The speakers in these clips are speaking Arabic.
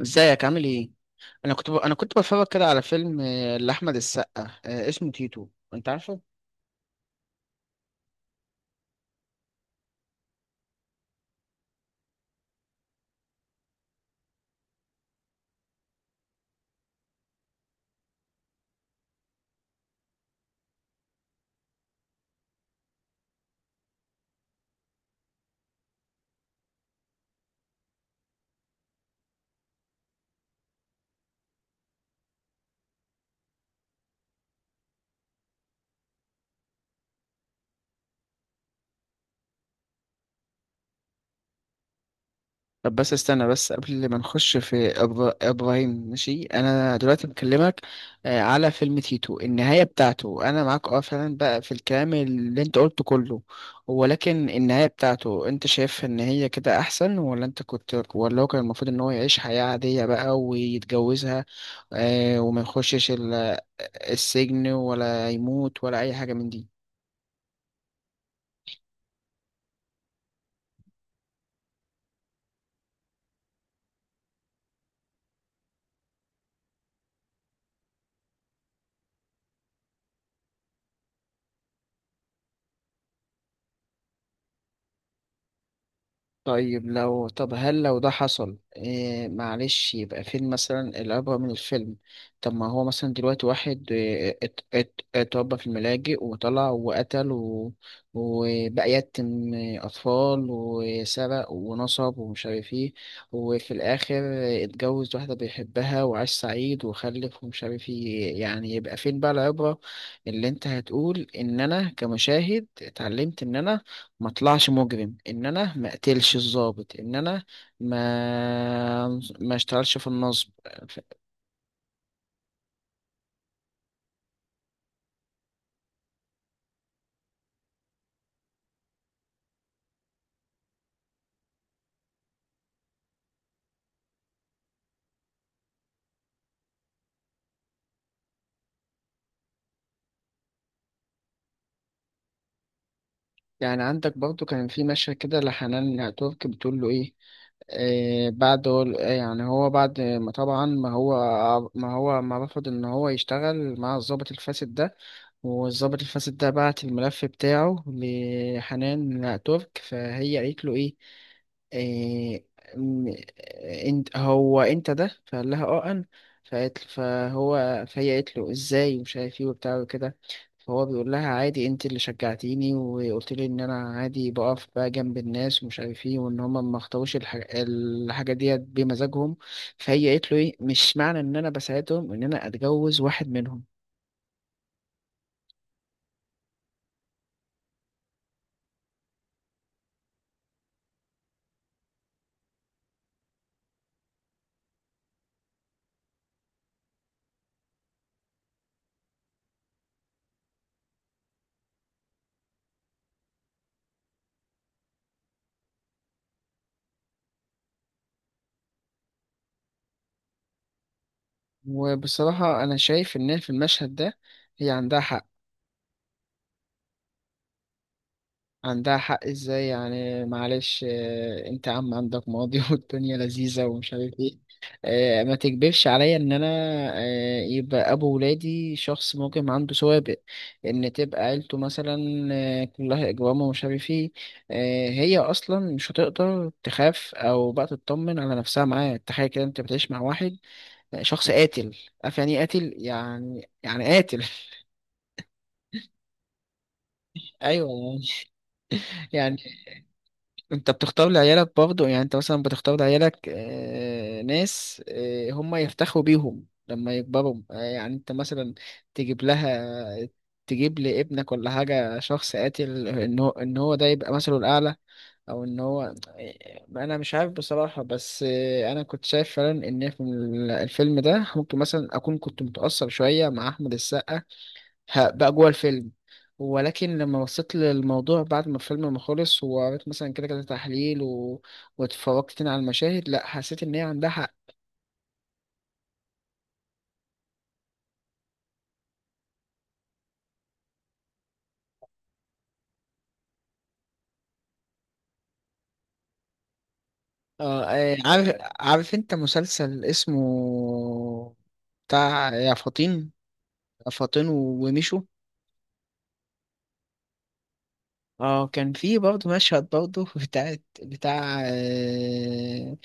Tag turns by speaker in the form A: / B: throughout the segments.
A: ازيك؟ عامل ايه؟ انا كنت بتفرج كده على فيلم، لاحمد السقا، اسمه تيتو. انت عارفه؟ طب بس استنى، بس قبل ما نخش في ابراهيم. ماشي، انا دلوقتي بكلمك، على فيلم تيتو. النهايه بتاعته، انا معاك، اه، فعلا بقى في الكلام اللي انت قلته كله. ولكن النهايه بتاعته، انت شايف ان هي كده احسن، ولا انت كنت ولا هو كان المفروض ان هو يعيش حياه عاديه بقى ويتجوزها؟ وما يخشش السجن، ولا يموت ولا أي حاجة من دي. طيب لو طب هل لو ده حصل إيه، معلش، يبقى فين مثلا العبرة من الفيلم؟ طب ما هو مثلا دلوقتي واحد، إيه، اتربى في الملاجئ وطلع وقتل وبقى يتم أطفال وسرق ونصب ومش عارف ايه، وفي الآخر اتجوز واحدة بيحبها، وعاش سعيد وخلف ومش عارف ايه. يعني يبقى فين بقى العبرة اللي انت هتقول ان انا كمشاهد اتعلمت ان انا ما اطلعش مجرم، ان انا ما اقتلش الضابط، ان انا ما ما اشتغلش في النصب. ف- يعني عندك برضو كان في مشهد كده لحنان ترك بتقول له ايه، إيه بعد إيه، يعني هو بعد ما طبعا ما هو ما رفض ان هو يشتغل مع الضابط الفاسد ده، والضابط الفاسد ده بعت الملف بتاعه لحنان ترك. فهي قالت له ايه، إيه، م- انت هو انت ده؟ فقال لها اه انا. فقالت فهو فهي قالت له ازاي ومش عارف ايه وبتاع وكده. فهو بيقول لها عادي، انت اللي شجعتيني وقلت لي ان انا عادي بقف بقى جنب الناس ومش عارف ايه، وان هما ما اختاروش الحاجه ديت بمزاجهم. فهي قالت له ايه، مش معنى ان انا بساعدهم ان انا اتجوز واحد منهم. وبصراحه انا شايف ان في المشهد ده هي عندها حق. عندها حق ازاي، يعني معلش، انت عندك ماضي والدنيا لذيذة ومش عارف ايه. ما تكبرش عليا ان انا، يبقى ابو ولادي شخص ممكن عنده سوابق، ان تبقى عيلته مثلا، كلها اجرام ومش عارف ايه. هي اصلا مش هتقدر تخاف او بقى تطمن على نفسها معاه. تخيل كده، انت بتعيش مع واحد، شخص قاتل. عارف يعني ايه قاتل؟ يعني قاتل. ايوه يعني. يعني انت بتختار لعيالك برضه، يعني انت مثلا بتختار لعيالك، ناس، هم يفتخروا بيهم لما يكبروا. يعني انت مثلا تجيب لها تجيب لابنك ولا حاجة شخص قاتل ان هو ده يبقى مثله الأعلى، او ان هو، انا مش عارف بصراحة، بس انا كنت شايف فعلا ان في الفيلم ده ممكن مثلا اكون كنت متأثر شوية مع احمد السقا، بقى جوه الفيلم. ولكن لما بصيت للموضوع بعد ما الفيلم ما خلص، وقريت مثلا كده كده تحليل واتفرجت تاني على المشاهد، لا، حسيت ان هي عندها حق. عارف انت مسلسل اسمه بتاع يا فطين، يا فطين وميشو؟ اه، كان في برضه مشهد برضه بتاع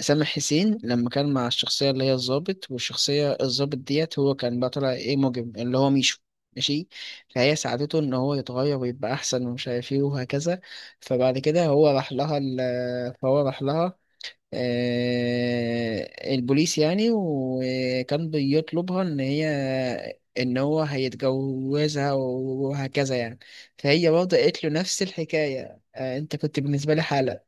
A: سامح حسين لما كان مع الشخصية اللي هي الضابط، والشخصية الضابط ديت، هو كان بقى طالع ايه، مجرم اللي هو ميشو. ماشي. فهي ساعدته ان هو يتغير ويبقى احسن ومش عارف ايه وهكذا. فبعد كده، هو راح لها ال- فهو راح لها، البوليس يعني، وكان بيطلبها ان هي ان هو هيتجوزها وهكذا يعني. فهي برضه قالت له نفس الحكايه، انت كنت بالنسبه لي حاله.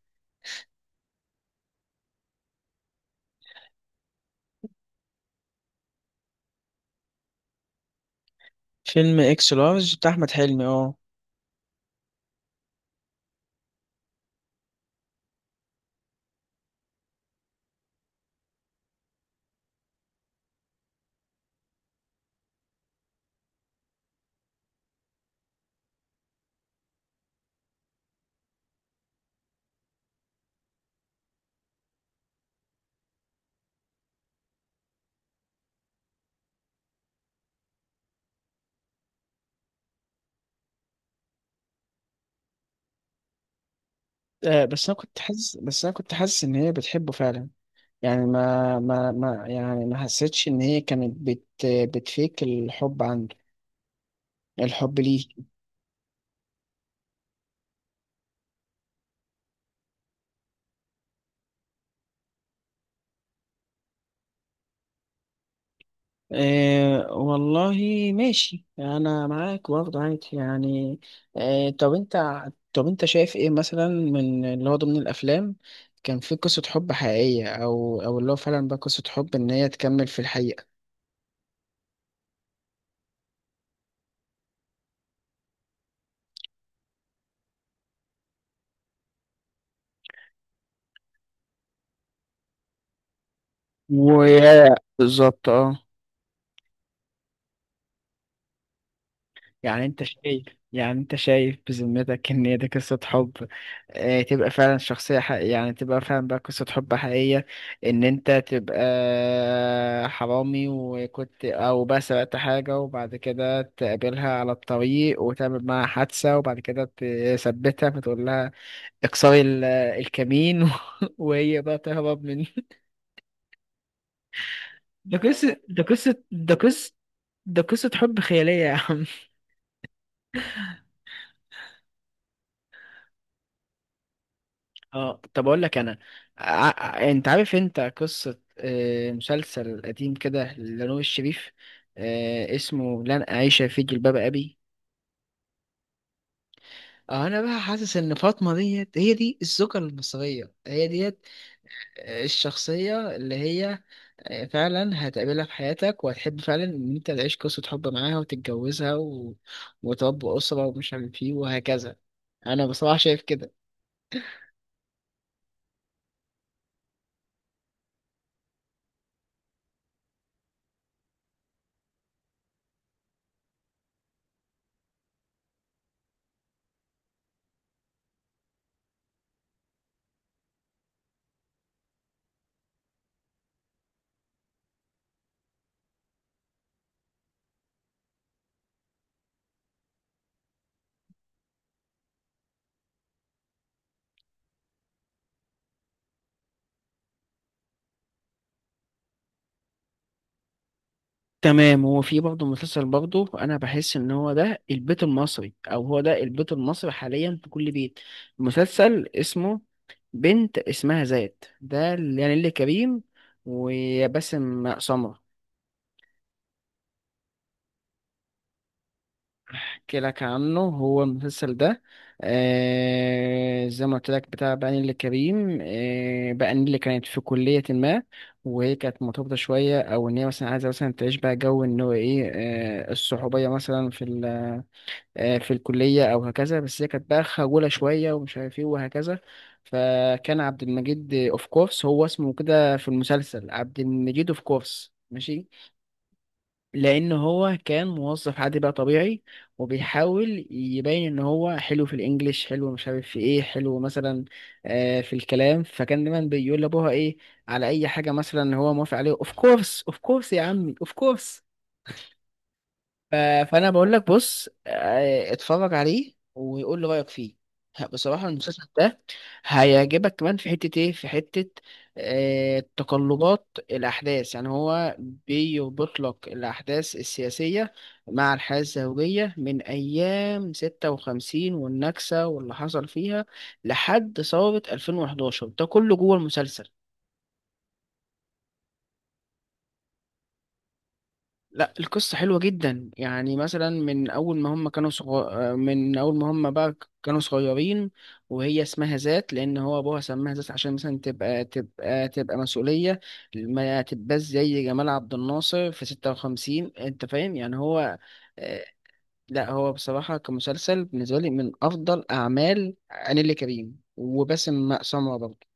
A: فيلم اكس لارج بتاع احمد حلمي، اه. بس انا كنت حاسس ان هي بتحبه فعلا. يعني ما يعني ما حسيتش ان هي كانت بتفيك الحب عنده، الحب ليه. أه والله. ماشي، انا معاك برضه، عادي يعني. أه، طب انت شايف ايه مثلا من اللي هو ضمن الافلام كان في قصة حب حقيقية، او اللي هو فعلا بقى قصة حب ان هي تكمل في الحقيقة؟ و، بالظبط، اه. يعني انت شايف يعني انت شايف بذمتك ان هي دي قصة حب، اه تبقى فعلا شخصية حقيقية، يعني تبقى فعلا بقى قصة حب حقيقية، ان انت تبقى، حرامي وكنت او بقى سرقت حاجة، وبعد كده تقابلها على الطريق وتعمل معاها حادثة، وبعد كده تثبتها فتقول لها اكسري الكمين وهي بقى تهرب من؟ ده قصة ده قصة ده قصة ده قصة حب خيالية يا عم. اه، طب اقول لك انا. انت عارف انت قصة، مسلسل قديم كده لنور الشريف، اسمه لن أعيش في جلباب أبي؟ اه، انا بقى حاسس ان فاطمة ديت هي دي الزوجة المصرية، هي ديت، الشخصية اللي هي فعلا هتقابلها في حياتك، وهتحب فعلا ان انت تعيش قصة حب معاها وتتجوزها وتربي أسرة ومش عارف ايه وهكذا. انا بصراحة شايف كده. تمام. هو في برضه مسلسل برضه انا بحس ان هو ده البيت المصري، او هو ده البيت المصري حاليا في كل بيت، مسلسل اسمه بنت اسمها زاد. ده يعني اللي كريم وباسم سمرة. احكي لك عنه. هو المسلسل ده، زي ما قلت لك، بتاع بقى نيللي كريم. بقى نيللي كانت في كلية ما، وهي كانت مرتبطة شوية، أو إن هي مثلا عايزة مثلا تعيش بقى جو إن هو إيه، الصحوبية مثلا في الكلية أو هكذا. بس هي كانت بقى خجولة شوية ومش عارف إيه وهكذا. فكان عبد المجيد أوف كورس، هو اسمه كده في المسلسل عبد المجيد أوف كورس. ماشي. لأن هو كان موظف عادي بقى طبيعي، وبيحاول يبين إن هو حلو في الإنجليش، حلو مش عارف في إيه، حلو مثلا في الكلام. فكان دايما بيقول لأبوها إيه على أي حاجة مثلا هو موافق عليه: أوف كورس، أوف كورس يا عمي، أوف كورس. ف- فانا بقول لك بص، اتفرج عليه ويقول لي رايك فيه. بصراحه المسلسل ده هيعجبك كمان في حته ايه، في حته تقلبات الاحداث. يعني هو بيربط لك الاحداث السياسيه مع الحياه الزوجيه من ايام 56 والنكسه واللي حصل فيها، لحد ثوره 2011. ده كله جوه المسلسل. لا، القصة حلوة جدا، يعني مثلا من أول ما هم بقى كانوا صغيرين. وهي اسمها ذات لأن هو أبوها سماها ذات، عشان مثلا تبقى مسؤولية، ما تبقاش زي جمال عبد الناصر في ستة وخمسين. أنت فاهم؟ يعني هو، آه، لا، هو بصراحة كمسلسل بالنسبة لي من أفضل أعمال نيللي كريم وباسم سمرة برضه.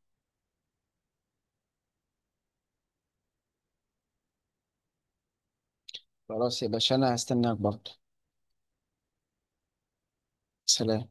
A: خلاص يا باشا، أنا هستناك برضه. سلام.